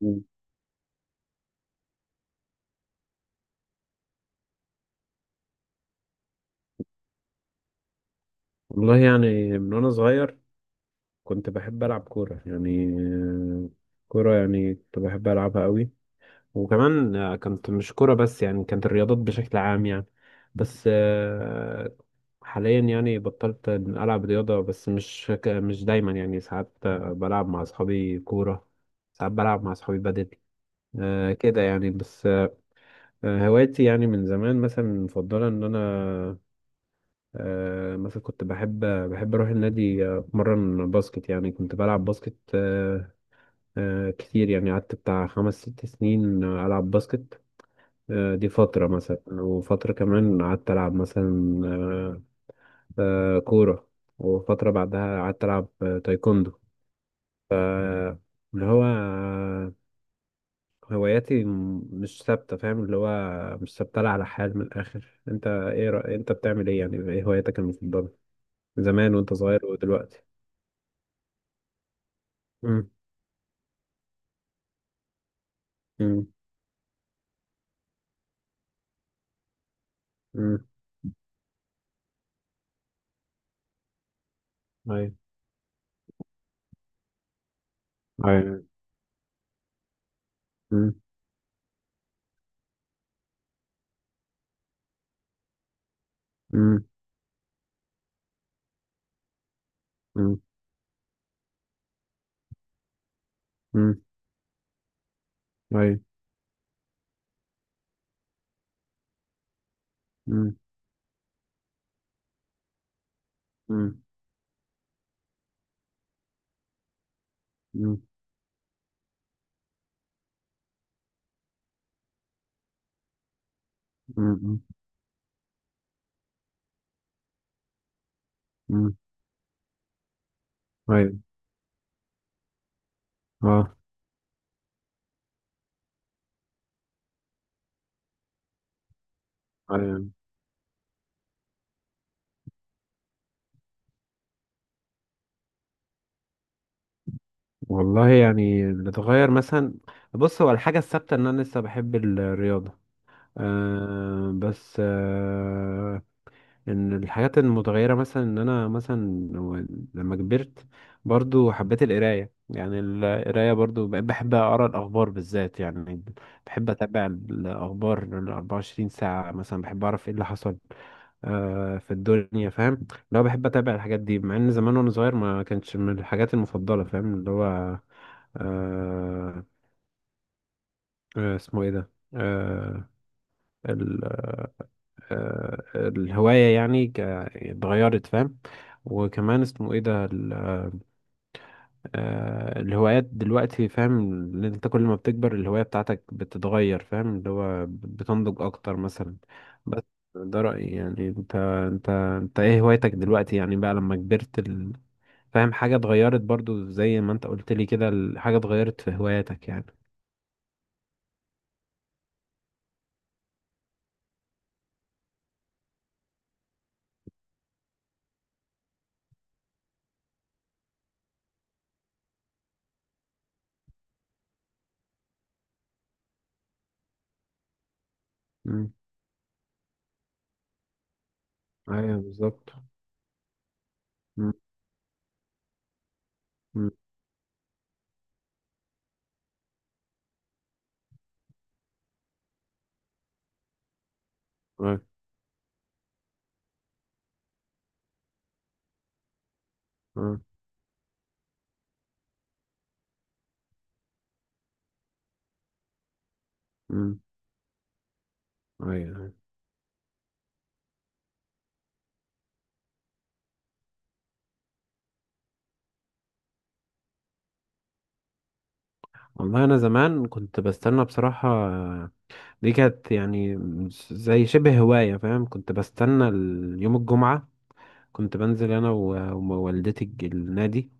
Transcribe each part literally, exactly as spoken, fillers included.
مم. والله يعني من وانا صغير كنت بحب العب كوره يعني آه، كوره يعني كنت بحب العبها قوي. وكمان آه، كانت مش كوره بس، يعني كانت الرياضات بشكل عام يعني. بس آه، حاليا يعني بطلت العب رياضه، بس مش ك- مش دايما، يعني ساعات آه، بلعب مع اصحابي كوره، ساعات بلعب مع اصحابي بدل. آه، كده يعني. بس آه، هوايتي يعني من زمان مثلا مفضله ان انا آه، مثلا كنت بحب بحب أروح النادي، آه، أتمرن باسكت، يعني كنت بلعب باسكت. آه، آه، كتير يعني قعدت بتاع خمس ست سنين آه، ألعب باسكت. آه، دي فترة مثلا، وفترة كمان قعدت ألعب مثلا آه، آه، كورة، وفترة بعدها قعدت ألعب آه، تايكوندو. اللي هو آه، هواياتي م- مش ثابتة، فاهم؟ اللي هو مش ثابتة لا على حال. من الآخر، أنت إيه رأ... أنت بتعمل إيه؟ يعني إيه هواياتك المفضلة زمان وأنت صغير ودلوقتي؟ مم. مم. مم. أيوة. أيوة. مم. مم. مم. مم. أيوة. مم. مم. مم. مم. مم. أيوة. أه. أيوة. والله يعني اللي اتغير مثلا، بص، هو الحاجة الثابتة إن أنا لسه بحب الرياضة. أه بس أه ان الحاجات المتغيره مثلا ان انا مثلا لو- لما كبرت، برضو حبيت القرايه. يعني القرايه برضو بقيت بحب اقرا الاخبار بالذات، يعني بحب اتابع الاخبار ال أربع وعشرين ساعة ساعه مثلا، بحب اعرف ايه اللي حصل آه، في الدنيا، فاهم؟ لو بحب اتابع الحاجات دي، مع ان زمان وانا صغير ما كانتش من الحاجات المفضله، فاهم؟ اللي هو آه، آه، اسمه ايه ده؟ آه، آه، الهواية يعني ك- اتغيرت، فاهم؟ وكمان اسمه ايه ده ال- آه، الهوايات دلوقتي، فاهم؟ ان انت كل ما بتكبر الهواية بتاعتك بتتغير، فاهم؟ اللي هو بتنضج اكتر مثلا. بس ده رأيي يعني. انت انت انت ايه هوايتك دلوقتي يعني، بقى لما كبرت ال... فاهم حاجة اتغيرت؟ برضو زي ما انت قلت لي كده ال- حاجة اتغيرت في هواياتك يعني. امم. ايوه بالظبط. امم. امم. ايوه. امم. ايوه. والله انا زمان كنت بستنى بصراحة، دي كانت يعني زي شبه هواية، فاهم؟ كنت بستنى ال- يوم الجمعة. كنت بنزل انا و- ووالدتي الج- النادي،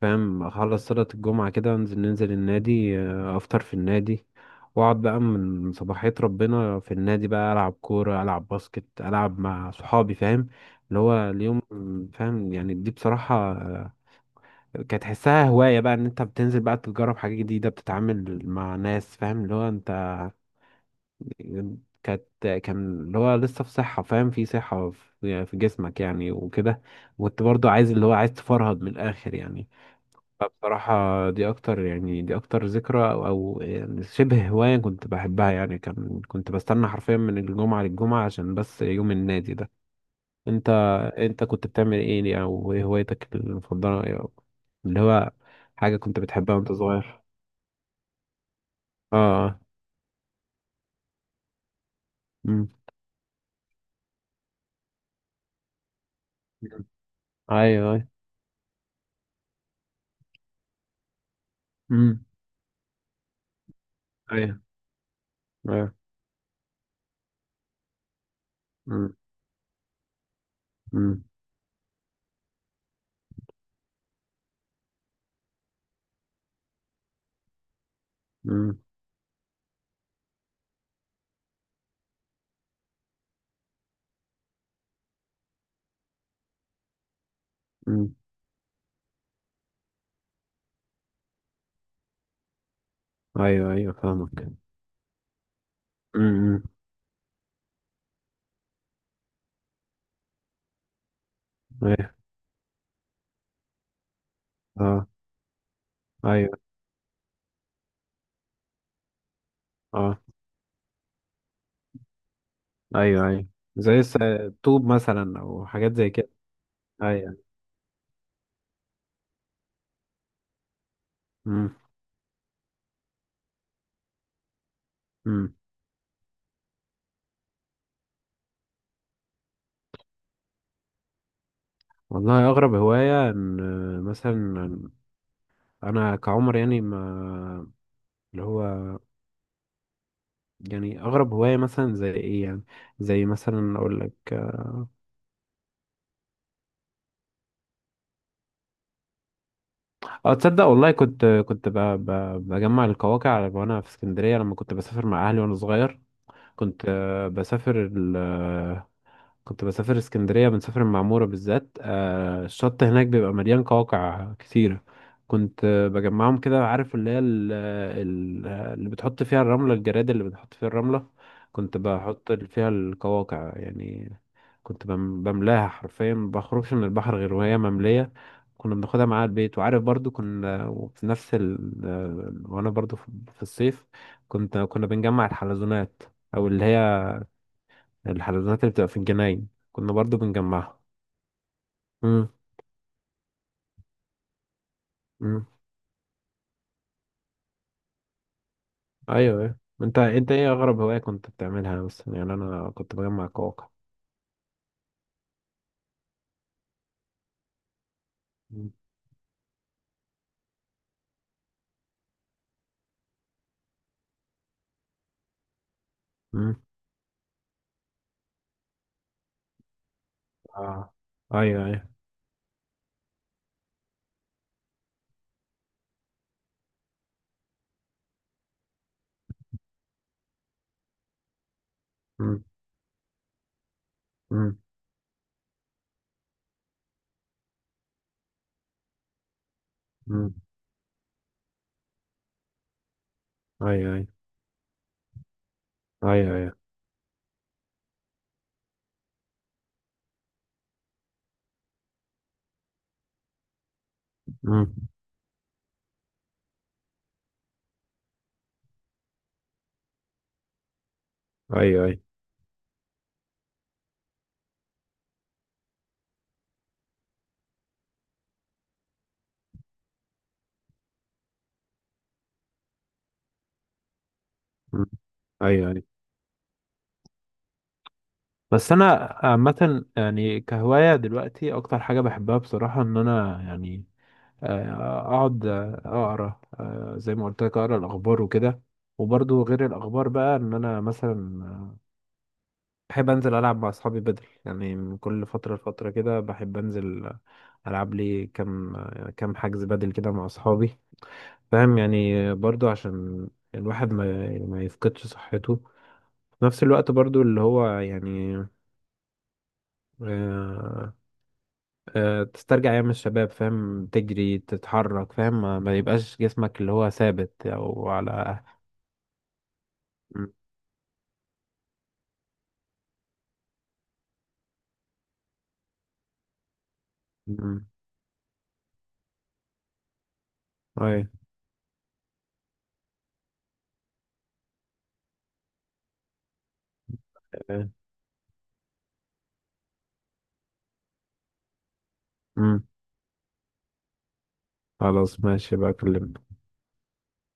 فاهم؟ اخلص صلاة الجمعة كده انزل، ننزل النادي، آه، افطر في النادي، واقعد بقى من صباحية ربنا في النادي، بقى العب كورة، العب باسكت، العب مع صحابي، فاهم؟ اللي هو اليوم، فاهم؟ يعني دي بصراحة كانت تحسها هواية بقى، ان انت بتنزل بقى تجرب حاجة جديدة، بتتعامل مع ناس، فاهم؟ اللي هو انت كانت كان اللي هو لسه في صحة، فاهم؟ في صحة في يعني في جسمك يعني وكده، وانت برضو عايز اللي هو عايز تفرهد من الآخر يعني. فبصراحة دي أكتر يعني، دي أكتر ذكرى أو أو يعني شبه هواية كنت بحبها، يعني كان كنت بستنى حرفيا من الجمعة للجمعة عشان بس يوم النادي ده. انت انت كنت بتعمل ايه، او ايه هوايتك المفضله ايه، أو اللي هو حاجه كنت بتحبها وانت صغير؟ اه. اه. امم. ايوه ايوه. امم. ايوه ايوه. امم. امم. امم. امم. ايوه ايوه فاهمك. امم. ايوه. اه. ايوه. اه. ايوه ايوه. زي الس- الطوب مثلا او حاجات زي كده. ايوه. امم. امم. والله اغرب هوايه ان مثلا انا كعمر يعني ما اللي هو، يعني اغرب هوايه مثلا زي ايه يعني؟ زي مثلا اقول لك. اه، تصدق والله كنت كنت ب... ب... بجمع القواقع وانا في اسكندريه لما كنت بسافر مع اهلي وانا صغير. كنت آه، بسافر، كنت بسافر اسكندرية، بنسافر المعمورة بالذات. آه الشط هناك بيبقى مليان قواقع كتيرة، كنت آه، بجمعهم كده. عارف اللي هي ال- ال- اللي بتحط فيها الرملة، الجراد اللي بتحط فيها الرملة، كنت بحط فيها القواقع يعني. كنت بم- بملاها حرفيا، ما بخرجش من البحر غير وهي مملية، كنا بناخدها معاها البيت. وعارف برضو كنا وفي نفس ال آه، وانا برضو في في الصيف كنت كنا بنجمع الحلزونات، او اللي هي الحلزونات اللي بتبقى في الجناين كنا برضو بنجمعها. امم. امم. ايوه ايوه، انت انت ايه اغرب هواية كنت بتعملها؟ بس يعني انا كنت بجمع كواكب. مم. مم. اه. ايوه ايوه. مم. مم. مم. ايوه ايوه. ايوه ايوه. مم. ايوه ايوه. مم. ايوه ايوه. بس انا عامة يعني كهواية دلوقتي اكتر حاجة بحبها بصراحة ان انا يعني آه، اقعد آه، اقرا، آه، زي ما قلت لك، اقرا الاخبار وكده. وبرضو غير الاخبار بقى ان انا مثلا بحب انزل العب مع اصحابي بدل، يعني من كل فتره لفتره كده بحب انزل العب لي كام كام حجز بدل كده مع اصحابي، فاهم؟ يعني برضو عشان الواحد ما ما يفقدش صحته، في نفس الوقت برضو اللي هو يعني آه، آه، تسترجع ايام الشباب، فاهم؟ تجري تتحرك، فاهم؟ ما ما يبقاش جسمك اللي هو ثابت او على. مم. مم. أي. أي. مم. خلاص ماشي بقى أكلمك.